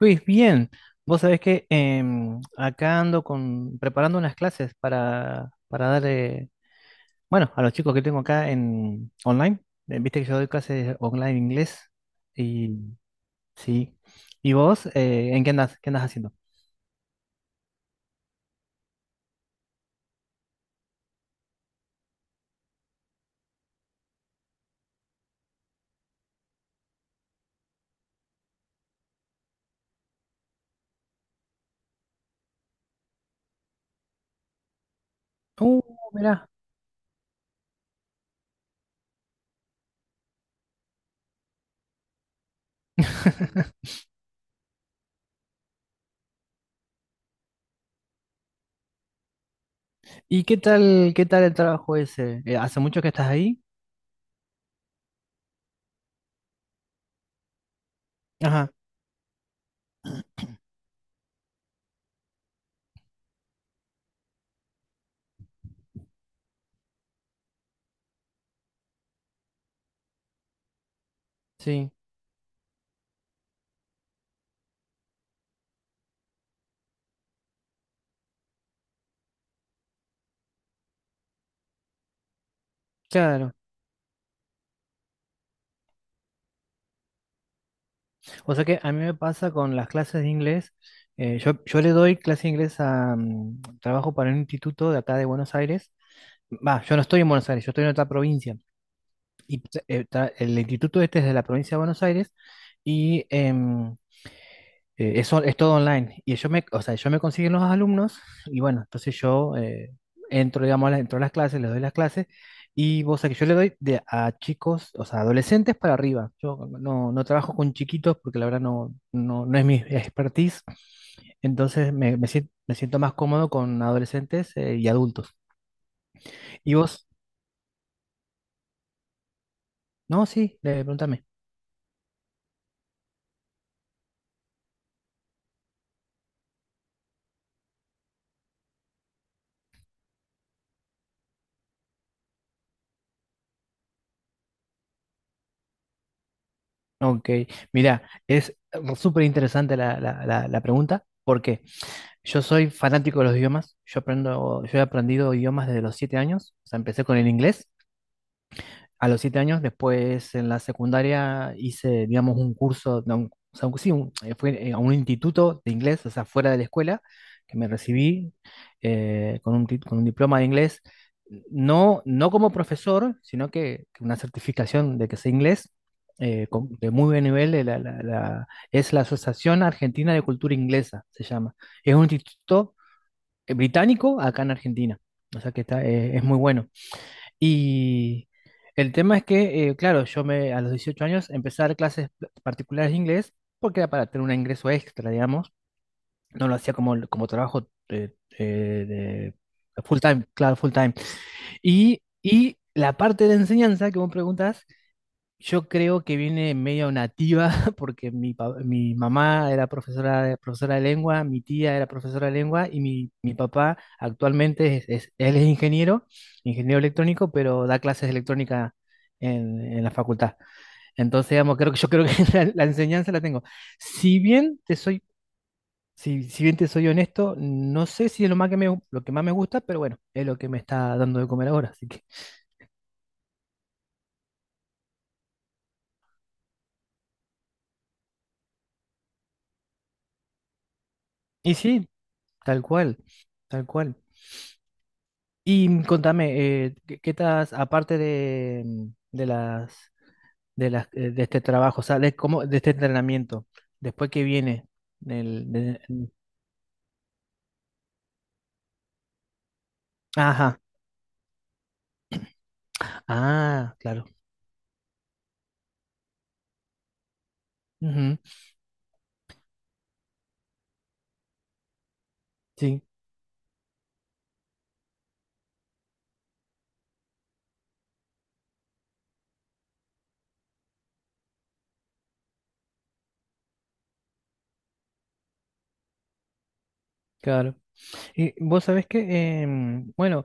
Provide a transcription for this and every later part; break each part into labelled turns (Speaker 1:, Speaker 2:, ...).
Speaker 1: Luis, bien, vos sabés que acá ando preparando unas clases para dar, bueno, a los chicos que tengo acá en online. Viste que yo doy clases online en inglés y sí. ¿Y vos, en qué andas? ¿Qué andas haciendo? Uh, mirá. ¿Y qué tal el trabajo ese? ¿Hace mucho que estás ahí? Ajá, sí, claro. O sea que a mí me pasa con las clases de inglés. Yo le doy clase de inglés trabajo para un instituto de acá de Buenos Aires. Va, yo no estoy en Buenos Aires, yo estoy en otra provincia. Y el instituto este es de la provincia de Buenos Aires. Y eso es todo online. Y o sea, ellos me consiguen los alumnos y bueno, entonces yo entro, digamos, entro a las clases, les doy las clases y vos sabés que yo le doy a chicos, o sea, adolescentes para arriba. Yo no trabajo con chiquitos porque la verdad no es mi expertise. Entonces me siento más cómodo con adolescentes y adultos. ¿Y vos? No, sí, pregúntame. Ok, mira, es súper interesante la pregunta. ¿Por qué? Yo soy fanático de los idiomas. Yo he aprendido idiomas desde los 7 años. O sea, empecé con el inglés a los 7 años. Después en la secundaria hice, digamos, un curso, no, fui a un instituto de inglés, o sea, fuera de la escuela, que me recibí con con un diploma de inglés. No, no como profesor, sino que una certificación de que sé inglés de muy buen nivel. Es la Asociación Argentina de Cultura Inglesa, se llama. Es un instituto británico acá en Argentina. O sea que es muy bueno. Y el tema es que, claro, yo a los 18 años empecé a dar clases particulares de inglés porque era para tener un ingreso extra, digamos. No lo hacía como trabajo de full time, claro, full time. Y la parte de enseñanza que vos preguntás yo creo que viene medio nativa, porque mi mamá era profesora, profesora de lengua, mi tía era profesora de lengua y mi papá actualmente él es ingeniero, ingeniero electrónico, pero da clases de electrónica en la facultad. Entonces, digamos, creo que yo creo que la enseñanza la tengo. Si bien te soy, si, si bien te soy honesto, no sé si es lo más que lo que más me gusta, pero bueno, es lo que me está dando de comer ahora. Así que, y sí, tal cual, tal cual. Y contame, ¿qué estás, aparte de las, de este trabajo, o sea, de cómo, de este entrenamiento, después que viene, del, de- mm, ajá, ah, claro, ujú, sí, claro. Y vos sabés que, bueno,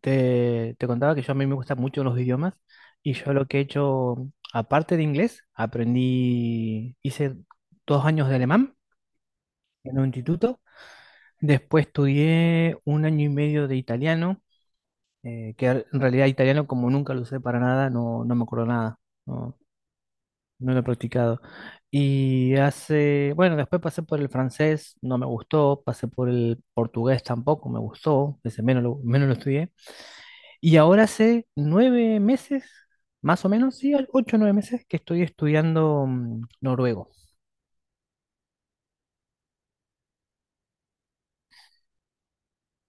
Speaker 1: te contaba que yo a mí me gustan mucho los idiomas y yo lo que he hecho, aparte de inglés, hice 2 años de alemán en un instituto. Después estudié un año y medio de italiano, que en realidad italiano como nunca lo usé para nada, no me acuerdo nada, no, no lo he practicado. Y bueno, después pasé por el francés, no me gustó, pasé por el portugués tampoco me gustó, ese menos lo estudié. Y ahora hace 9 meses, más o menos, sí, 8 o 9 meses que estoy estudiando noruego.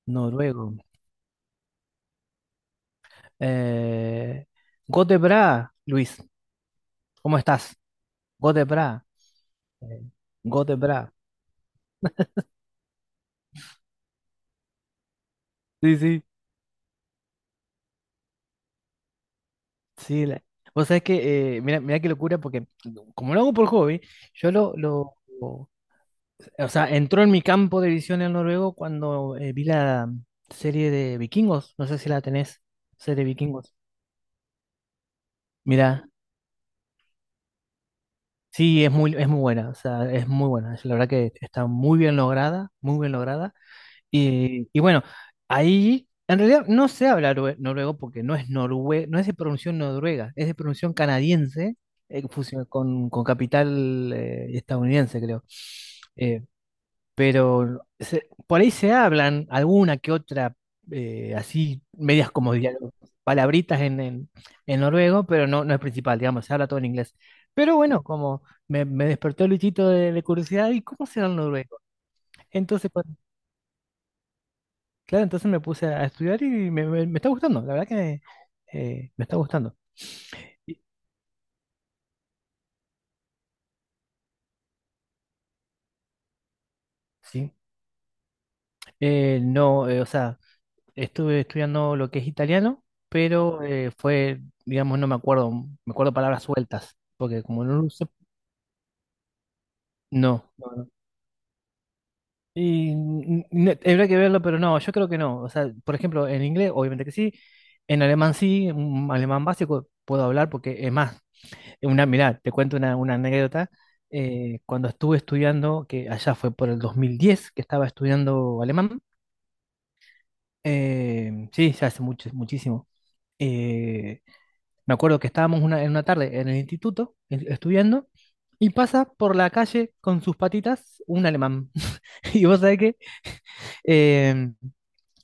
Speaker 1: Noruego. Eh, Godebra, Luis, ¿cómo estás? Godebra. Eh, Gotebra. Sí, sí, sí. Vos sabés que, mira, mira qué locura, porque como lo hago por hobby, yo lo, lo, o sea, entró en mi campo de visión el noruego cuando vi la serie de Vikingos. No sé si la tenés, serie Vikingos. Mira, sí, es muy buena, o sea, es muy buena. La verdad que está muy bien lograda, muy bien lograda. Y bueno, ahí en realidad no se habla noruego porque no es de pronunciación noruega, es de pronunciación canadiense, con capital estadounidense, creo. Eh, pero por ahí se hablan alguna que otra, así, medias como diálogos, palabritas en noruego, pero no es principal, digamos, se habla todo en inglés. Pero bueno, como me despertó el bichito de curiosidad, ¿y cómo será el noruego? Entonces, Claro, entonces me puse a estudiar y me está gustando, la verdad que me está gustando. Y- Sí. No, o sea, estuve estudiando lo que es italiano, pero fue, digamos, no me acuerdo, me acuerdo palabras sueltas, porque como no lo usé, no. No, no. Y habría que verlo, pero no, yo creo que no. O sea, por ejemplo, en inglés, obviamente que sí, en alemán sí, un alemán básico puedo hablar porque es más. Mirá, te cuento una anécdota. Cuando estuve estudiando, que allá fue por el 2010 que estaba estudiando alemán, sí, ya hace mucho, muchísimo. Eh, me acuerdo que estábamos en una tarde en el instituto estudiando y pasa por la calle con sus patitas un alemán. Y vos sabés que eh,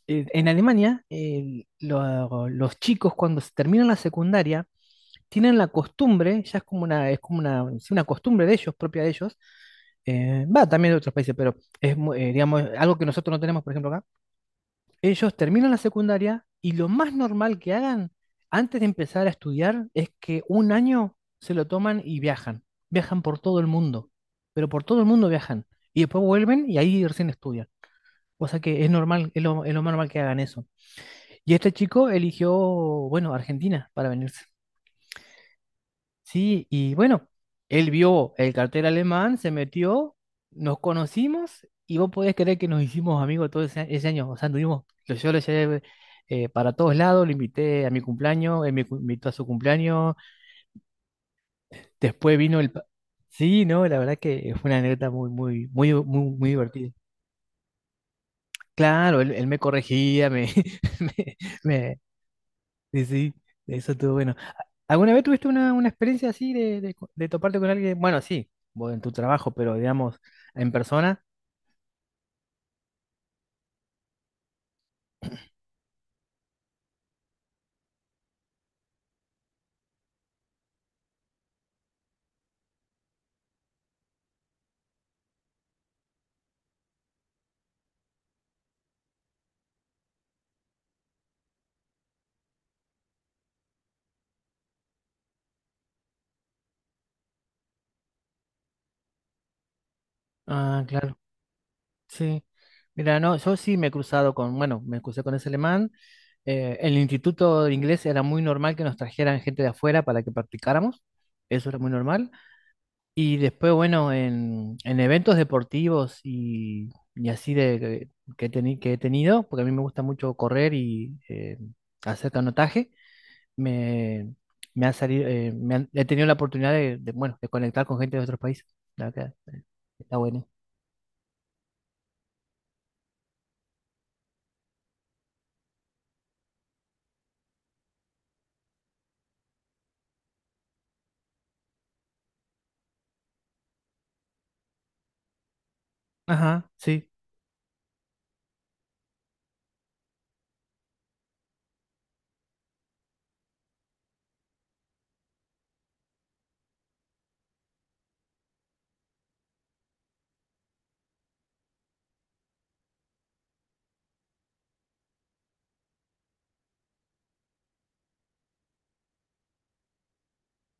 Speaker 1: en Alemania los chicos cuando se terminan la secundaria tienen la costumbre, ya es como una, sí, una costumbre de ellos, propia de ellos, va también de otros países, pero digamos, algo que nosotros no tenemos, por ejemplo, acá. Ellos terminan la secundaria y lo más normal que hagan antes de empezar a estudiar es que un año se lo toman y viajan. Viajan por todo el mundo, pero por todo el mundo viajan. Y después vuelven y ahí recién estudian. O sea que es normal, es lo más normal que hagan eso. Y este chico eligió, bueno, Argentina para venirse. Sí, y bueno, él vio el cartel alemán, se metió, nos conocimos y vos podés creer que nos hicimos amigos todo ese año. O sea, anduvimos, yo lo llevé para todos lados, lo invité a mi cumpleaños, él me invitó a su cumpleaños, después vino el. Sí, no, la verdad que fue una anécdota muy, muy, muy, muy, muy divertida. Claro, él me corregía, me, Sí, sí, eso estuvo bueno. ¿Alguna vez tuviste una experiencia así de toparte con alguien? Bueno, sí, vos en tu trabajo, pero digamos, en persona. Ah, claro, sí. Mira, no, yo sí me he cruzado con, bueno, me crucé con ese alemán. En el instituto de inglés era muy normal que nos trajeran gente de afuera para que practicáramos. Eso era muy normal. Y después, bueno, en eventos deportivos y así que he tenido, porque a mí me gusta mucho correr y hacer canotaje. me, me ha salido, he tenido la oportunidad bueno, de conectar con gente de otros países. La verdad, está bueno. Ajá, sí,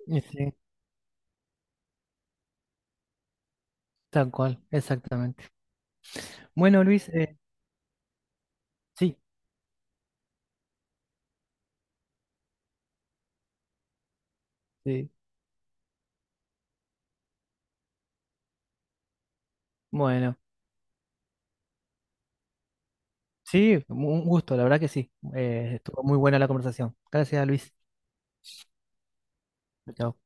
Speaker 1: y sí, tal cual, exactamente. Bueno, Luis, sí, sí, bueno, sí, un gusto, la verdad que sí. Estuvo muy buena la conversación. Gracias, Luis. Chao.